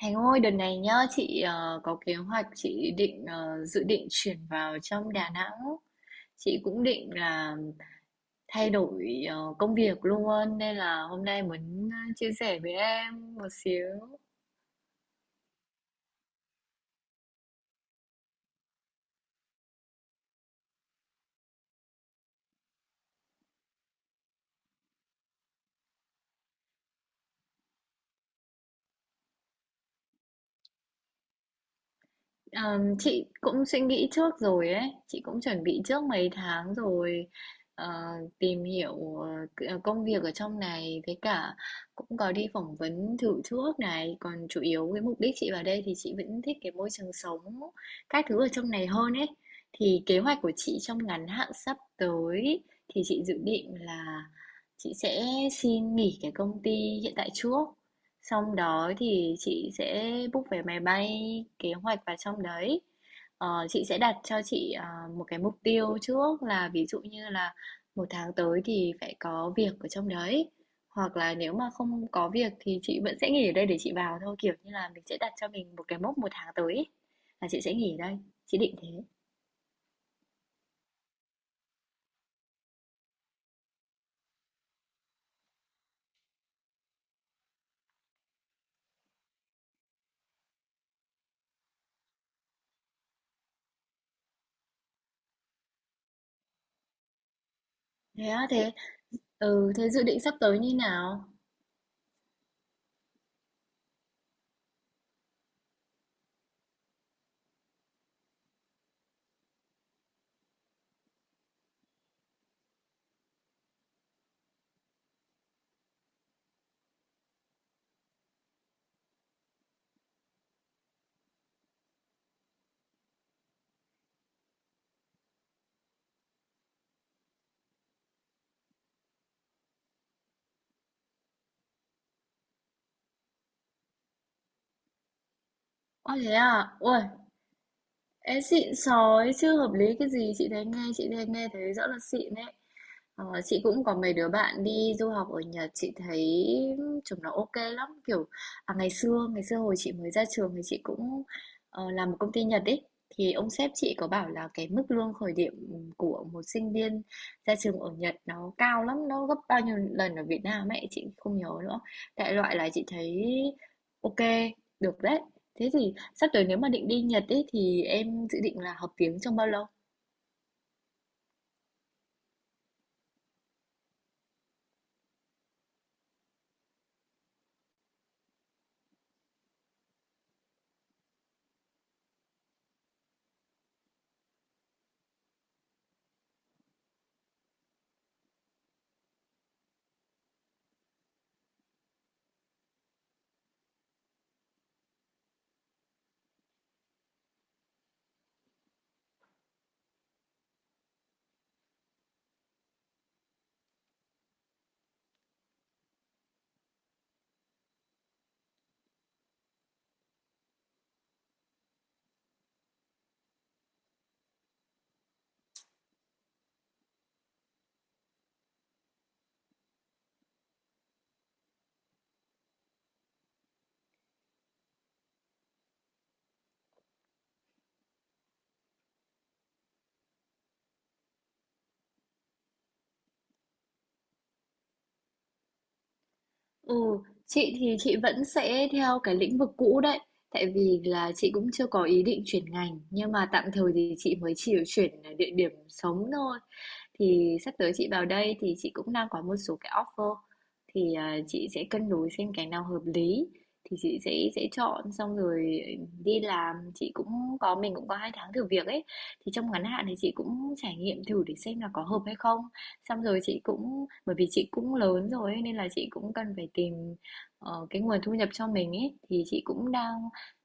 Thành ơi, đợt này nhá, chị có kế hoạch chị định dự định chuyển vào trong Đà Nẵng. Chị cũng định là thay đổi công việc luôn nên là hôm nay muốn chia sẻ với em một xíu. Chị cũng suy nghĩ trước rồi ấy, chị cũng chuẩn bị trước mấy tháng rồi, ờ, tìm hiểu, công việc ở trong này với cả cũng có đi phỏng vấn thử trước này, còn chủ yếu cái mục đích chị vào đây thì chị vẫn thích cái môi trường sống các thứ ở trong này hơn ấy. Thì kế hoạch của chị trong ngắn hạn sắp tới thì chị dự định là chị sẽ xin nghỉ cái công ty hiện tại trước. Xong đó thì chị sẽ book vé máy bay, kế hoạch vào trong đấy. Ờ, chị sẽ đặt cho một cái mục tiêu trước, là ví dụ như là một tháng tới thì phải có việc ở trong đấy, hoặc là nếu mà không có việc thì chị vẫn sẽ nghỉ ở đây để chị vào thôi, kiểu như là mình sẽ đặt cho mình một cái mốc một tháng tới ấy, là chị sẽ nghỉ ở đây, chị định thế. Thế á? Thế ừ, thế dự định sắp tới như nào? Ồ thế à, ui, ê xịn sói chưa, hợp lý cái gì, chị thấy nghe, chị thấy nghe thấy rõ là xịn đấy. Ờ, chị cũng có mấy đứa bạn đi du học ở Nhật, chị thấy chúng nó ok lắm, kiểu à, ngày xưa hồi chị mới ra trường thì chị cũng làm một công ty Nhật ấy, thì ông sếp chị có bảo là cái mức lương khởi điểm của một sinh viên ra trường ở Nhật nó cao lắm, nó gấp bao nhiêu lần ở Việt Nam ấy chị không nhớ nữa, đại loại là chị thấy ok, được đấy. Thế thì sắp tới nếu mà định đi Nhật ấy, thì em dự định là học tiếng trong bao lâu? Ừ, chị thì chị vẫn sẽ theo cái lĩnh vực cũ đấy, tại vì là chị cũng chưa có ý định chuyển ngành, nhưng mà tạm thời thì chị mới chỉ chuyển địa điểm sống thôi. Thì sắp tới chị vào đây thì chị cũng đang có một số cái offer, thì à, chị sẽ cân đối xem cái nào hợp lý, thì chị sẽ chọn xong rồi đi làm. Chị cũng có, mình cũng có hai tháng thử việc ấy, thì trong ngắn hạn thì chị cũng trải nghiệm thử để xem là có hợp hay không. Xong rồi chị cũng, bởi vì chị cũng lớn rồi ấy, nên là chị cũng cần phải tìm, ờ, cái nguồn thu nhập cho mình ấy, thì chị cũng đang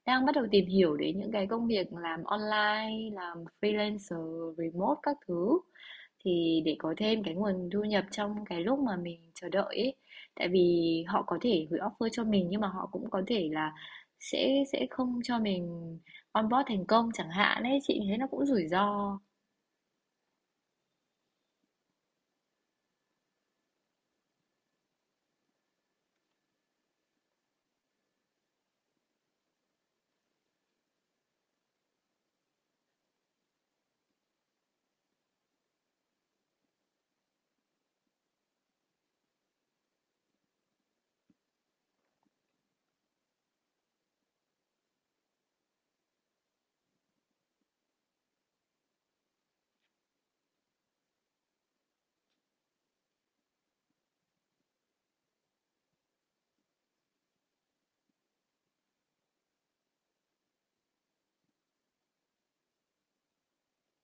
đang bắt đầu tìm hiểu đến những cái công việc làm online, làm freelancer, remote các thứ, thì để có thêm cái nguồn thu nhập trong cái lúc mà mình chờ đợi ấy. Tại vì họ có thể gửi offer cho mình nhưng mà họ cũng có thể là sẽ không cho mình onboard thành công chẳng hạn ấy, chị thấy nó cũng rủi ro.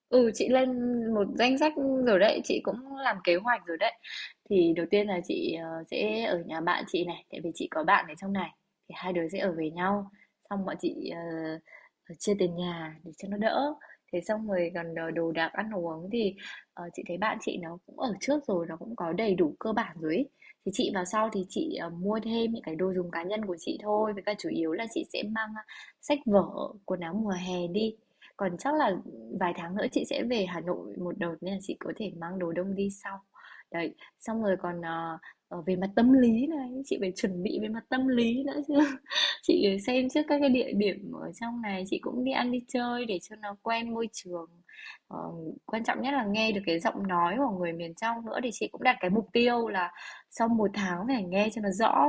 Ừ, chị lên một danh sách rồi đấy, chị cũng làm kế hoạch rồi đấy. Thì đầu tiên là chị sẽ ở nhà bạn chị này, tại vì chị có bạn ở trong này. Thì hai đứa sẽ ở với nhau, xong bọn chị chia tiền nhà để cho nó đỡ. Thế xong rồi còn đồ đồ đạc ăn uống thì, ờ, chị thấy bạn chị nó cũng ở trước rồi, nó cũng có đầy đủ cơ bản rồi ý. Thì chị vào sau thì chị mua thêm những cái đồ dùng cá nhân của chị thôi, với cả chủ yếu là chị sẽ mang sách vở, quần áo mùa hè đi, còn chắc là vài tháng nữa chị sẽ về Hà Nội một đợt nên là chị có thể mang đồ đông đi sau. Đấy, xong rồi còn về mặt tâm lý này, chị phải chuẩn bị về mặt tâm lý nữa chứ. Chị xem trước các cái địa điểm ở trong này, chị cũng đi ăn đi chơi để cho nó quen môi trường. Ờ, quan trọng nhất là nghe được cái giọng nói của người miền trong nữa, thì chị cũng đặt cái mục tiêu là sau một tháng phải nghe cho nó rõ.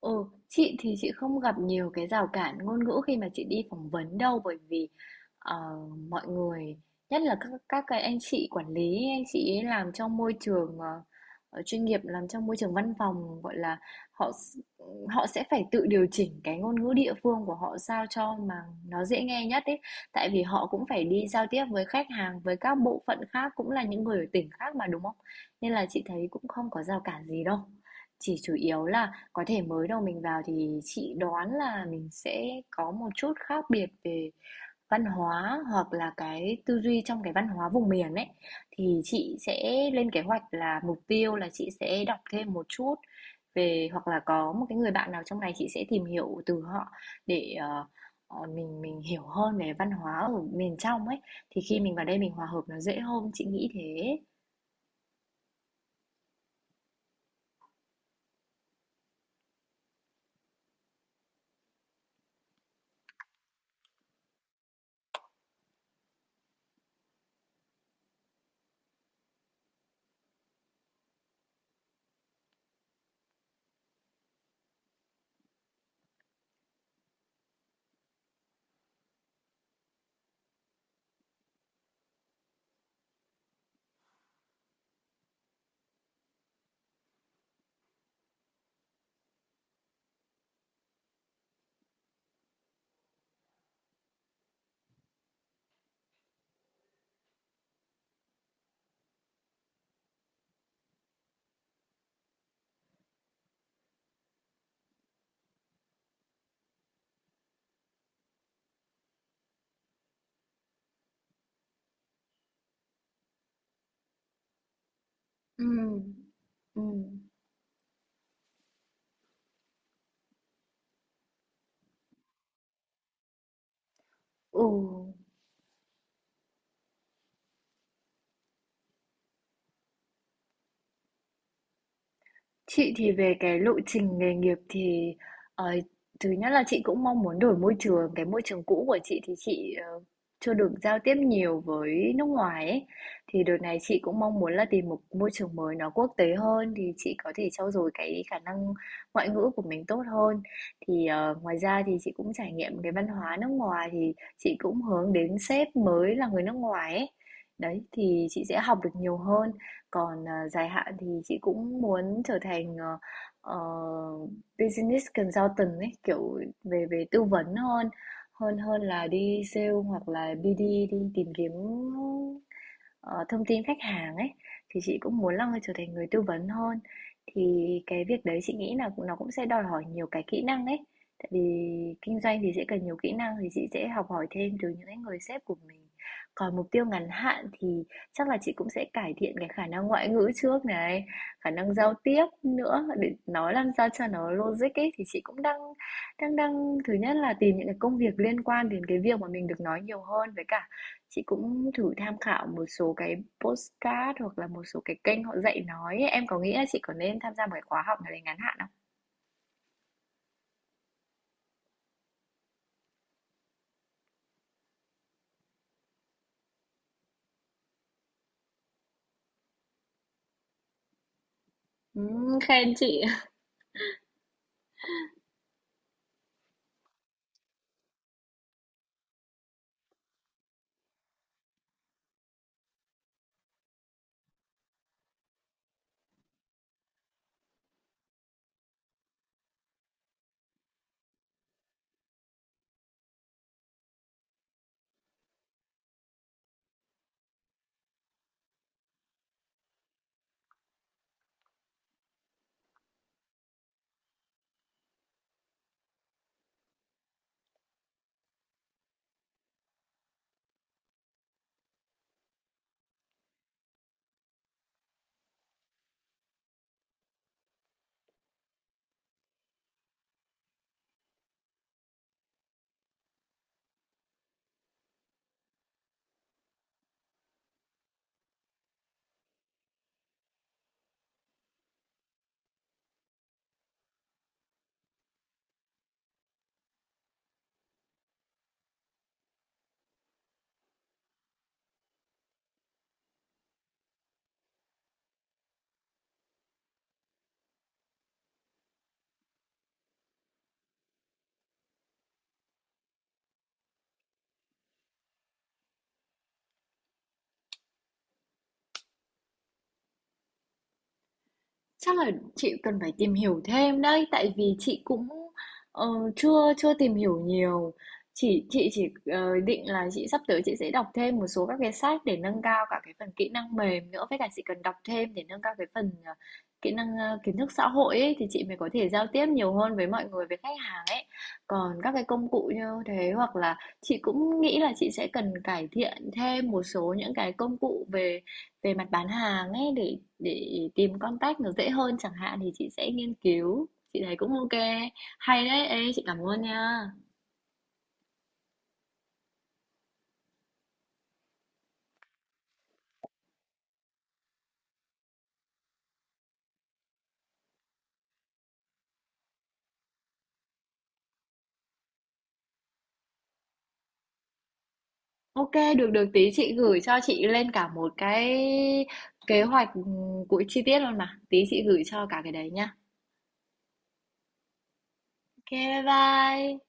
Ừ, chị thì chị không gặp nhiều cái rào cản ngôn ngữ khi mà chị đi phỏng vấn đâu, bởi vì, ờ, mọi người nhất là các cái anh chị quản lý, anh chị ấy làm trong môi trường chuyên nghiệp, làm trong môi trường văn phòng gọi là, họ s- họ sẽ phải tự điều chỉnh cái ngôn ngữ địa phương của họ sao cho mà nó dễ nghe nhất ấy, tại vì họ cũng phải đi giao tiếp với khách hàng, với các bộ phận khác cũng là những người ở tỉnh khác mà, đúng không, nên là chị thấy cũng không có rào cản gì đâu, chỉ chủ yếu là có thể mới đầu mình vào thì chị đoán là mình sẽ có một chút khác biệt về văn hóa, hoặc là cái tư duy trong cái văn hóa vùng miền ấy. Thì chị sẽ lên kế hoạch là mục tiêu là chị sẽ đọc thêm một chút về, hoặc là có một cái người bạn nào trong này chị sẽ tìm hiểu từ họ để, mình hiểu hơn về văn hóa ở miền trong ấy. Thì khi mình vào đây mình hòa hợp nó dễ hơn, chị nghĩ thế. Ừ. Ừ. Ừ. Chị thì về cái lộ trình nghề nghiệp thì, ờ, thứ nhất là chị cũng mong muốn đổi môi trường, cái môi trường cũ của chị thì chị, ờ, chưa được giao tiếp nhiều với nước ngoài ấy. Thì đợt này chị cũng mong muốn là tìm một môi trường mới nó quốc tế hơn, thì chị có thể trau dồi cái khả năng ngoại ngữ của mình tốt hơn. Thì, ờ, ngoài ra thì chị cũng trải nghiệm cái văn hóa nước ngoài, thì chị cũng hướng đến sếp mới là người nước ngoài ấy. Đấy, thì chị sẽ học được nhiều hơn. Còn, à, dài hạn thì chị cũng muốn trở thành, ờ, business consultant ấy, kiểu về về tư vấn hơn hơn hơn là đi sale hoặc là BD, đi tìm kiếm, ờ, thông tin khách hàng ấy, thì chị cũng muốn là trở thành người tư vấn hơn. Thì cái việc đấy chị nghĩ là nó cũng sẽ đòi hỏi nhiều cái kỹ năng ấy, tại vì kinh doanh thì sẽ cần nhiều kỹ năng, thì chị sẽ học hỏi thêm từ những cái người sếp của mình. Còn mục tiêu ngắn hạn thì chắc là chị cũng sẽ cải thiện cái khả năng ngoại ngữ trước này, khả năng giao tiếp nữa để nói làm sao cho nó logic ấy, thì chị cũng đang đang đang thứ nhất là tìm những cái công việc liên quan đến cái việc mà mình được nói nhiều hơn, với cả chị cũng thử tham khảo một số cái postcard hoặc là một số cái kênh họ dạy nói ấy. Em có nghĩ là chị có nên tham gia một cái khóa học nào đấy ngắn hạn không? Ừ, khen chị. Chắc là chị cần phải tìm hiểu thêm đấy, tại vì chị cũng, ờ, chưa chưa tìm hiểu nhiều. Chỉ chị chỉ định là chị sắp tới chị sẽ đọc thêm một số các cái sách để nâng cao cả cái phần kỹ năng mềm nữa, với cả chị cần đọc thêm để nâng cao cái phần, kỹ năng, kiến thức xã hội ấy, thì chị mới có thể giao tiếp nhiều hơn với mọi người, với khách hàng ấy. Còn các cái công cụ như thế, hoặc là chị cũng nghĩ là chị sẽ cần cải thiện thêm một số những cái công cụ về, về mặt bán hàng ấy, để tìm contact nó dễ hơn chẳng hạn, thì chị sẽ nghiên cứu, chị thấy cũng OK. Hay đấy, ê chị cảm ơn nha. OK, được được tí chị gửi cho chị lên cả một cái kế hoạch, ừ, của chi tiết luôn mà. Tí chị gửi cho cả cái đấy nha. OK, bye bye.